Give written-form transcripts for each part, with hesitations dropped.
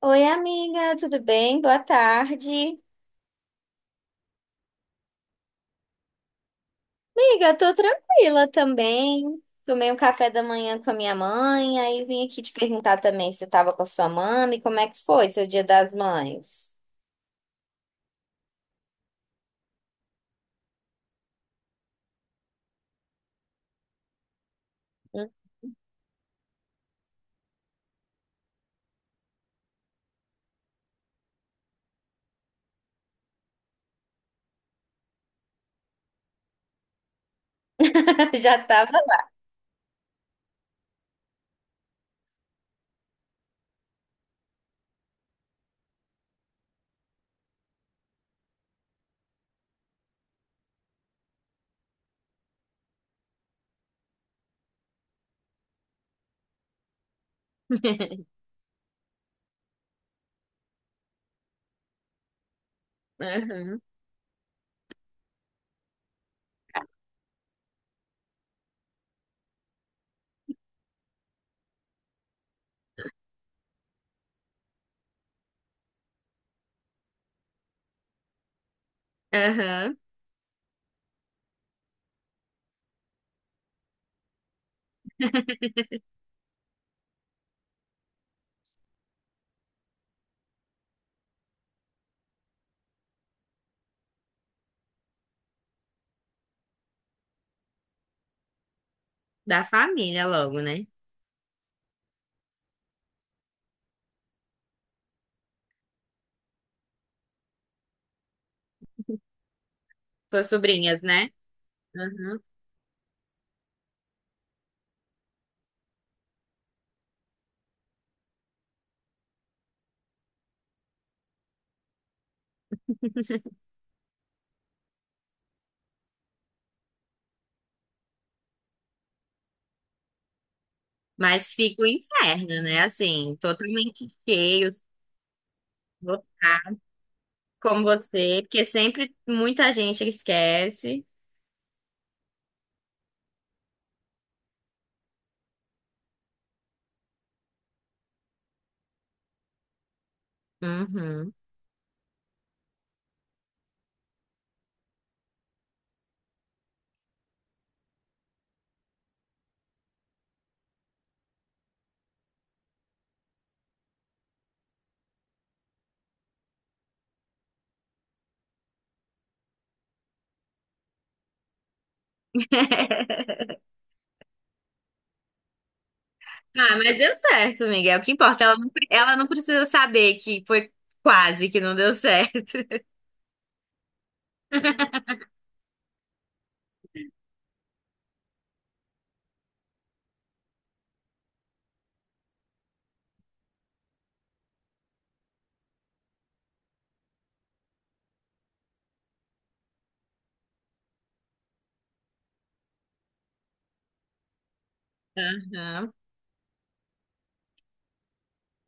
Oi, amiga, tudo bem? Boa tarde. Amiga, tô tranquila também. Tomei um café da manhã com a minha mãe, aí vim aqui te perguntar também se você tava com a sua mãe, como é que foi seu Dia das Mães? Hum? Já tava lá. Aham, aham. Da família logo, né? Suas sobrinhas, né? Aham. Mas fica o inferno, né? Assim, totalmente cheio, lotado, como você, porque sempre muita gente esquece. Uhum. Ah, mas deu certo, Miguel. O que importa? Ela não, ela não precisa saber que foi quase que não deu certo. Aham.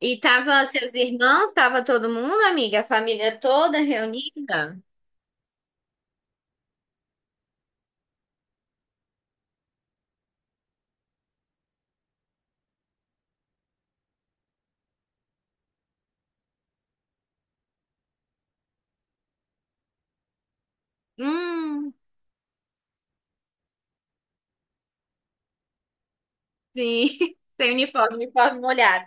E tava seus irmãos, tava todo mundo, amiga, a família toda reunida? Hum, sim. Sem uniforme, uniforme molhado.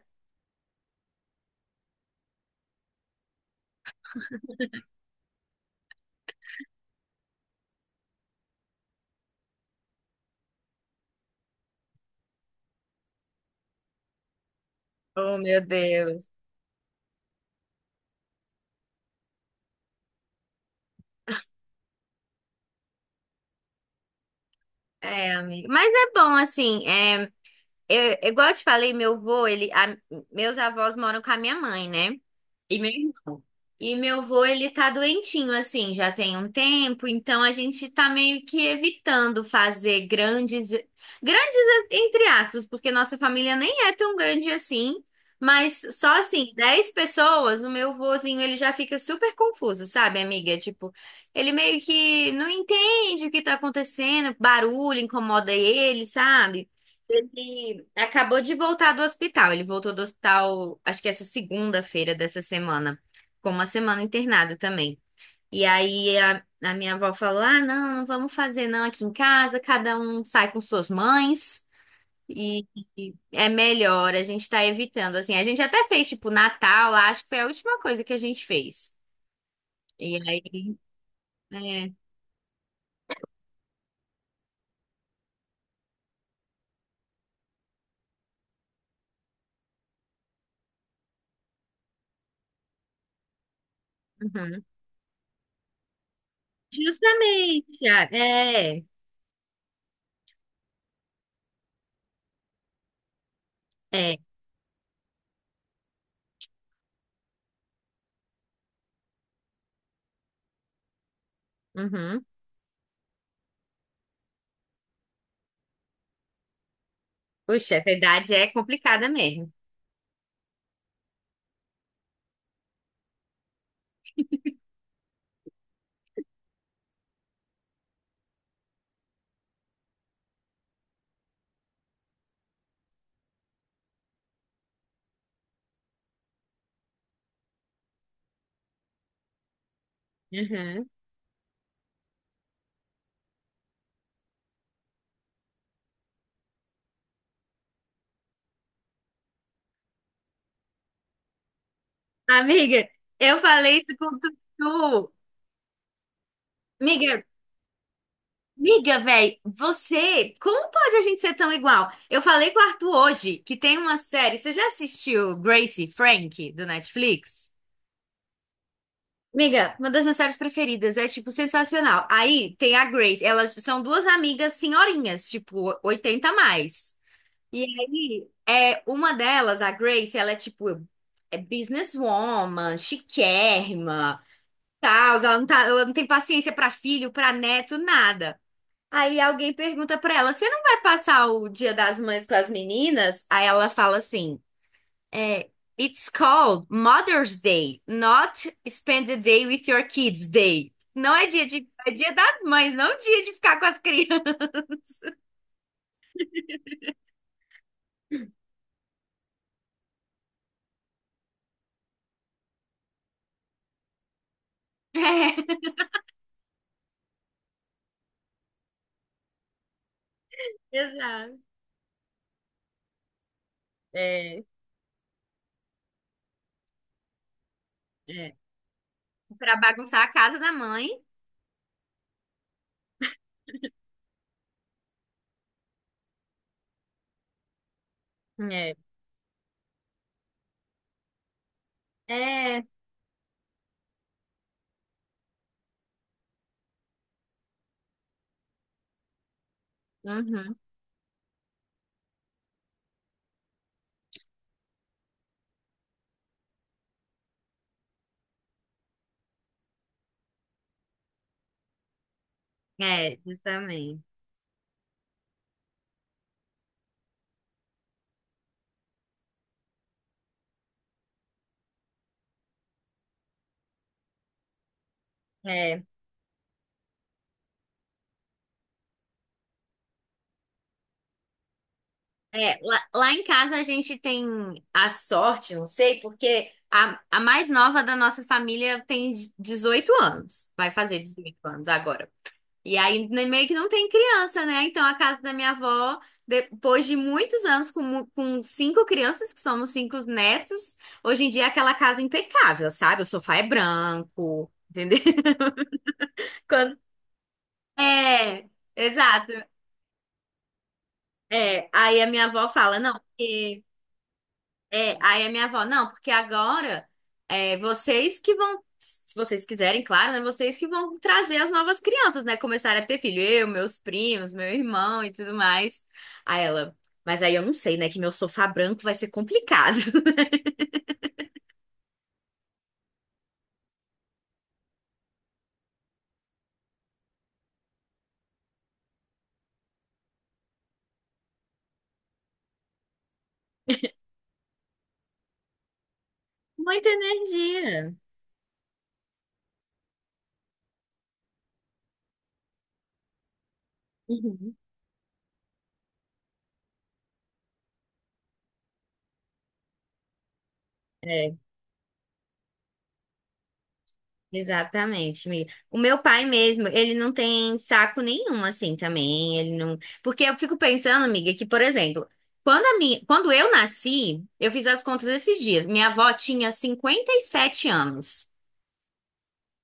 Oh, meu Deus. É, amiga. Mas é bom, assim, é, eu, igual eu te falei, meu avô, ele, meus avós moram com a minha mãe, né? E meu irmão. E meu avô, ele tá doentinho, assim, já tem um tempo, então a gente tá meio que evitando fazer grandes, grandes entre aspas, porque nossa família nem é tão grande assim, mas só assim, 10 pessoas. O meu vozinho ele já fica super confuso, sabe, amiga? Tipo, ele meio que não entende o que tá acontecendo, barulho incomoda ele, sabe? Ele acabou de voltar do hospital. Ele voltou do hospital, acho que essa segunda-feira dessa semana. Ficou uma semana internado também. E aí a minha avó falou: ah, não, não vamos fazer não aqui em casa. Cada um sai com suas mães. E, e é melhor, a gente tá evitando. Assim, a gente até fez tipo Natal, acho que foi a última coisa que a gente fez. E aí, é, uhum. Justamente, ah, é, é, uhum. Puxa, essa idade é complicada mesmo. Uhum. Amiga, eu falei isso com tu. Amiga, amiga, velho, você, como pode a gente ser tão igual? Eu falei com o Arthur hoje que tem uma série. Você já assistiu Gracie Frank do Netflix? Amiga, uma das minhas séries preferidas, é tipo sensacional. Aí tem a Grace, elas são duas amigas senhorinhas, tipo 80 a mais. E aí, é uma delas, a Grace, ela é tipo businesswoman, chiquérrima. Tal, ela não tá, ela não tem paciência pra filho, pra neto, nada. Aí alguém pergunta pra ela: "Você não vai passar o Dia das Mães com as meninas?" Aí ela fala assim: "É, it's called Mother's Day, not spend the day with your kids day." Não é dia de, é dia das mães, não dia de ficar com as crianças. É, exato. É, é. Pra bagunçar a casa da mãe. É. É. Uhum. É, justamente. É. É, lá, lá em casa a gente tem a sorte, não sei, porque a mais nova da nossa família tem 18 anos, vai fazer 18 anos agora. E aí né, meio que não tem criança, né? Então a casa da minha avó, depois de muitos anos com cinco crianças, que somos cinco netos, hoje em dia é aquela casa é impecável, sabe? O sofá é branco, entendeu? Quando- é, exato. É, aí a minha avó fala, não, porque é, aí a minha avó, não, porque agora é vocês que vão, se vocês quiserem, claro, né? Vocês que vão trazer as novas crianças, né? Começarem a ter filho, eu, meus primos, meu irmão e tudo mais. Aí ela, mas aí eu não sei, né? Que meu sofá branco vai ser complicado. Muita energia. Uhum. É. Exatamente, amiga. O meu pai mesmo, ele não tem saco nenhum assim também, ele não, porque eu fico pensando, amiga, que por exemplo, quando eu nasci, eu fiz as contas esses dias. Minha avó tinha 57 anos.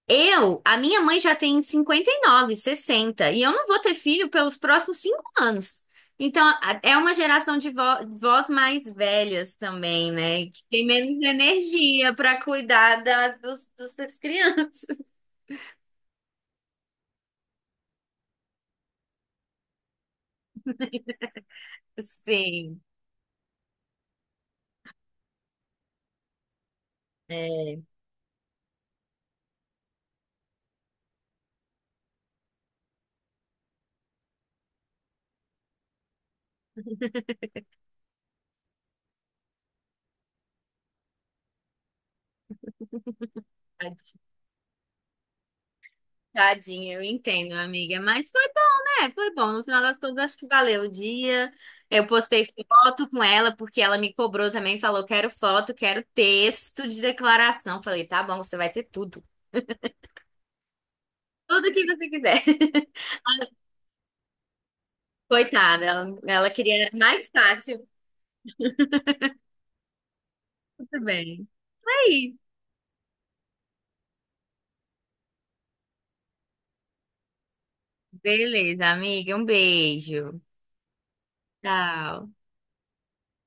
Eu, a minha mãe já tem 59, 60, e eu não vou ter filho pelos próximos 5 anos. Então, a- é uma geração de vós mais velhas também, né? Que tem menos energia para cuidar das crianças. Sim, é, tá, tadinha, eu entendo, amiga, mas foi bom, né? Foi bom, no final das contas, acho que valeu o dia. Eu postei foto com ela, porque ela me cobrou também, falou, quero foto, quero texto de declaração. Falei, tá bom, você vai ter tudo, tudo que você quiser. Coitada, ela queria mais fácil. Tudo bem. É isso. Beleza, amiga, um beijo. Tchau.